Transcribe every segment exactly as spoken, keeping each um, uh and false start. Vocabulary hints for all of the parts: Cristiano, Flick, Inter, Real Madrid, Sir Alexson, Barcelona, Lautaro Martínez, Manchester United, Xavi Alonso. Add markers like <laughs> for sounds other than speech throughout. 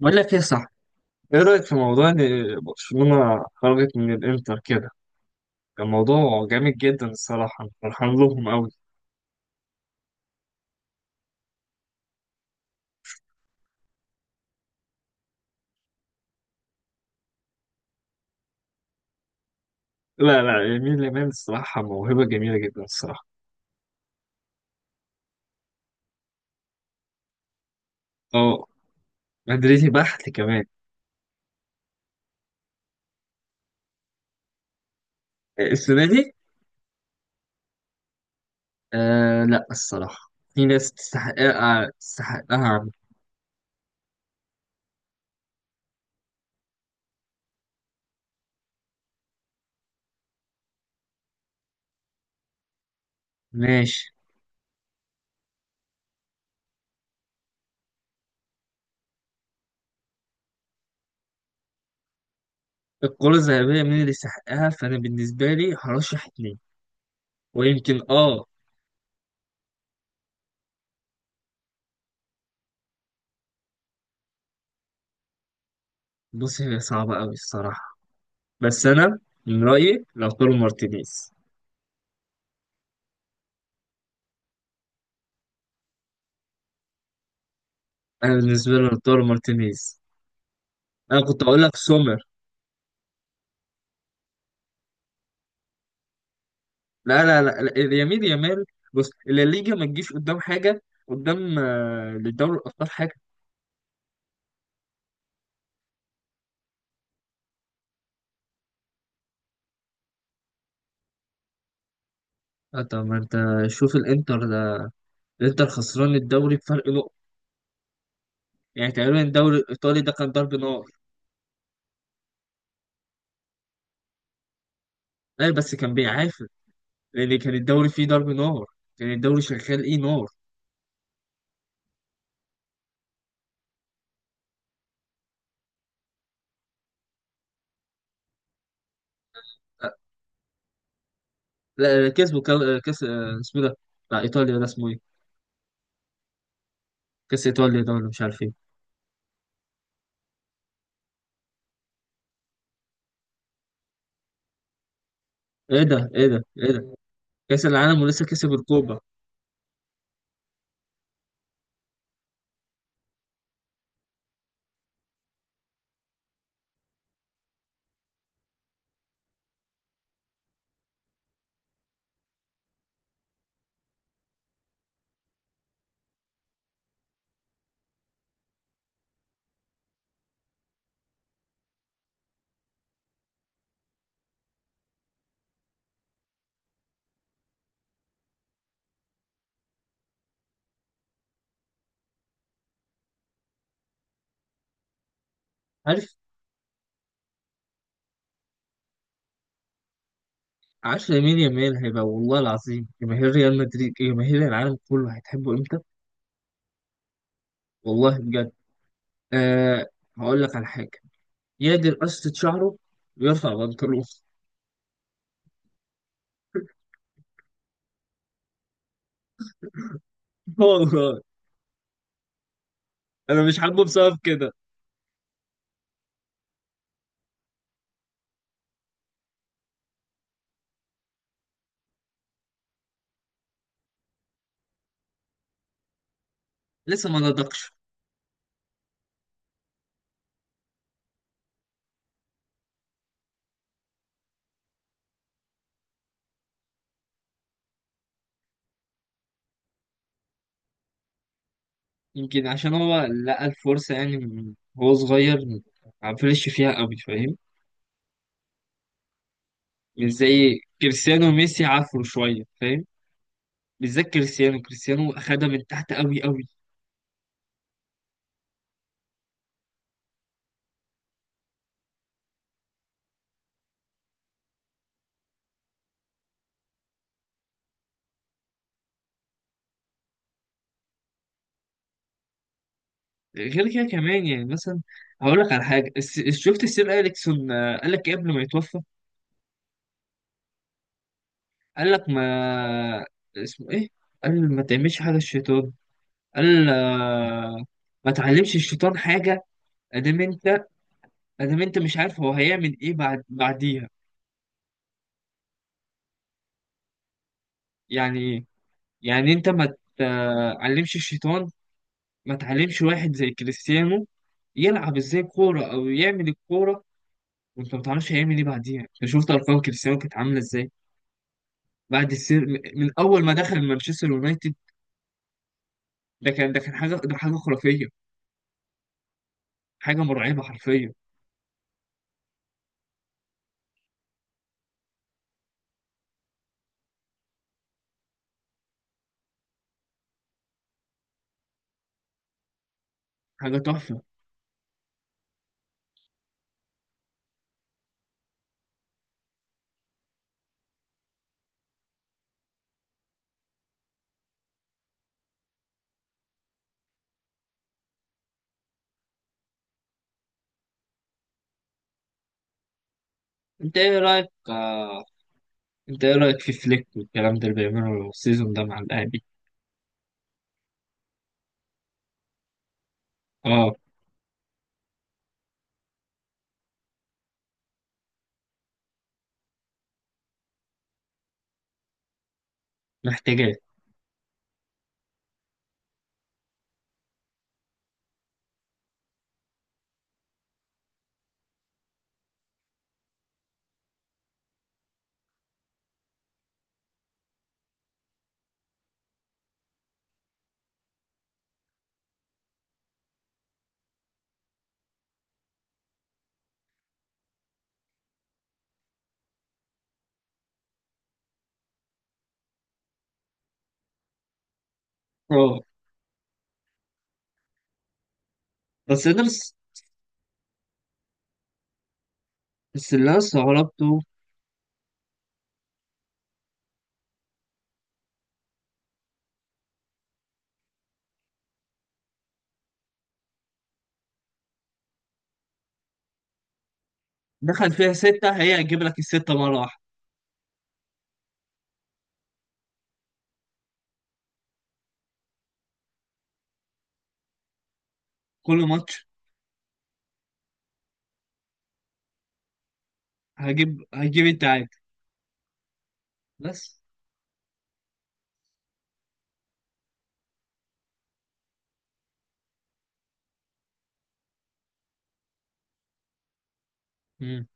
بقول لك ايه، صح؟ ايه رأيك في موضوع ان برشلونة خرجت من الانتر كده؟ كان موضوع جامد جدا الصراحة، أنا فرحان لهم قوي. لا لا، يمين لمال الصراحة موهبة جميلة جدا الصراحة. اه، مدريدي بحت كمان. السنة دي. آه لا، الصراحة في ناس تستحقها، آه، تستحقها عم. ماشي. الكرة الذهبية مين اللي يستحقها؟ فأنا بالنسبة لي هرشح اتنين ويمكن اه. بص، هي صعبة قوي الصراحة، بس أنا من رأيي لو مارتينيز. انا بالنسبه لي لوتارو مارتينيز. انا كنت اقول لك سومر. لا لا لا لا، يمين يامال. بص، الليجا ما تجيش قدام حاجه، قدام آه، لدوري الابطال حاجه. آه، طب ما انت، شوف الانتر ده. الانتر خسران الدوري بفرق نقطه، يعني تقريبا الدوري الايطالي ده كان ضرب نار. لا بس كان بيعافر، لان كان الدوري فيه ضرب نار، كان الدوري شغال ايه نار. آه، لا لا، كسبوا كا- كاس، آه، اسمه ده بتاع ايطاليا، ده اسمه ايه؟ كاس ايطاليا ده ولا مش عارف ايه. ايه ده، ايه ده، ايه ده، كاس العالم ولسه كسب الكوبا. عارف. عارف لامين يامال هيبقى والله العظيم، جماهير ريال مدريد جماهير العالم كله هتحبه امتى. والله بجد. أه. هقول لك على حاجه، يقدر قصة شعره ويرفع بنطلون. <laughs> والله. انا مش حابه بسبب كده. لسه ما نضجش. يمكن عشان هو لقى الفرصه يعني، من- وهو صغير ما عفرش فيها قوي، فاهم؟ مش زي كريستيانو وميسي، عفروا شويه فاهم. بالذات كريستيانو، كريستيانو اخدها من تحت قوي قوي. غير كده كمان يعني مثلا، هقول لك على حاجه. الس- شفت السير اليكسون، آه، قال لك إيه قبل ما يتوفى؟ قال لك ما اسمه ايه، قال ما تعملش حاجه الشيطان. قال، آه، ما تعلمش الشيطان حاجه. ادام انت، ادام انت مش عارف هو هيعمل ايه بعد بعديها. يعني ايه؟ يعني انت ما تعلمش الشيطان، ما تعلمش واحد زي كريستيانو يلعب ازاي كوره او يعمل الكوره وانت ما تعرفش هيعمل ايه بعديها. انت شفت ارقام كريستيانو كانت عامله ازاي بعد السير، م- من اول ما دخل مانشستر يونايتد. ده كان ده كان حاجه، ده حاجه خرافيه. حاجه مرعبه حرفيا. حاجه تحفه. انت ايه رايك، آه انت ايه رايك في فليك والكلام ده اللي بيعمله السيزون ده مع الاهلي؟ اه، محتاجاه. اه بس انا بس، بس اللي انا استغربته، دخل فيها سته، هي هتجيب لك السته مره واحده. كل ماتش. هجيب هجيب التعادل بس. مم.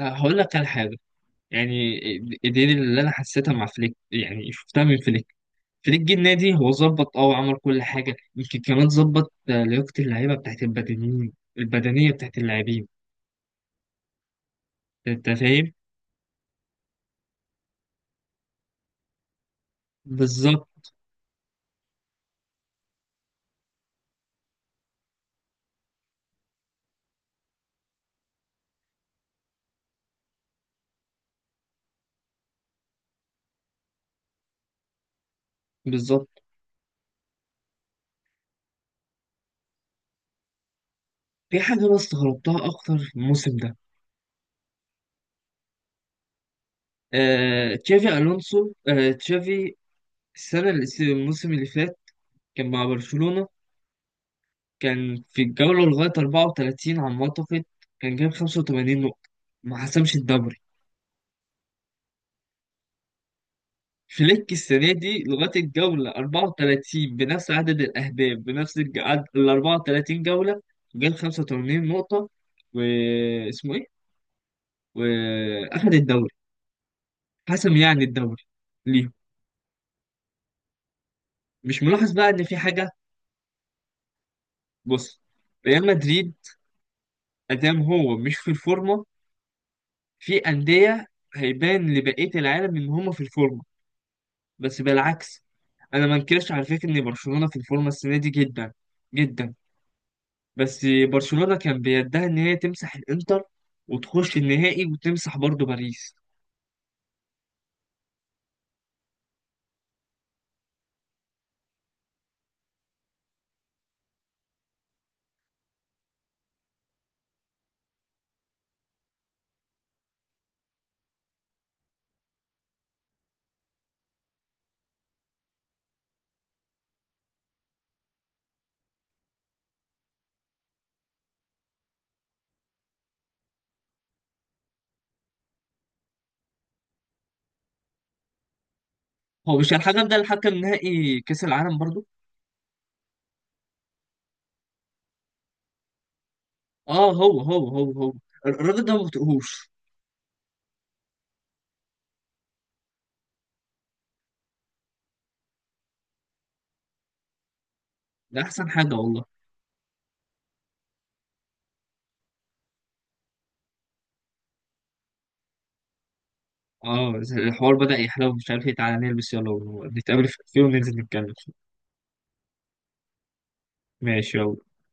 هقول لك على حاجه، يعني إيه، دي دي اللي انا حسيتها مع فليك، يعني شفتها من فليك. فريق النادي هو ظبط اه وعمل كل حاجة، يمكن كمان ظبط آه، لياقة اللعيبة بتاعت البدنيين، البدنية بتاعت اللاعبين. انت فاهم؟ بالظبط. بالظبط. في حاجة أنا استغربتها أكتر في الموسم ده، آه، تشافي ألونسو، آه، تشافي. السنة اللي- الموسم اللي فات كان مع برشلونة، كان في الجولة لغاية الرابعة والثلاثين على ما أعتقد، كان جاب خمسة وثمانين نقطة، ما حسمش الدوري. فليك السنة دي لغاية الجولة أربعة وثلاثين بنفس عدد الأهداف، بنفس الج- عد- ال أربعة وثلاثين جولة، جاب خمسة وثمانين نقطة، واسمه إيه؟ وأخد الدوري، حسم يعني الدوري. ليه؟ مش ملاحظ بقى إن في حاجة؟ بص، ريال مدريد، أدام هو مش في الفورمة، في أندية هيبان لبقية العالم إن هما في الفورمة. بس بالعكس، أنا ما انكرش على فكرة إن برشلونة في الفورمة السنة دي، جدا جدا، بس برشلونة كان بيدها ان هي تمسح الانتر وتخش النهائي وتمسح برضو باريس. هو مش الحكم ده الحكم نهائي كأس العالم برضو؟ اه، هو هو هو هو الراجل ده ما بطيقهوش. ده احسن حاجة والله. اه، الحوار بدأ يحلو، مش عارف ايه، تعالى نلبس يلا ونتقابل في الكافيه وننزل نتكلم. ماشي يلا.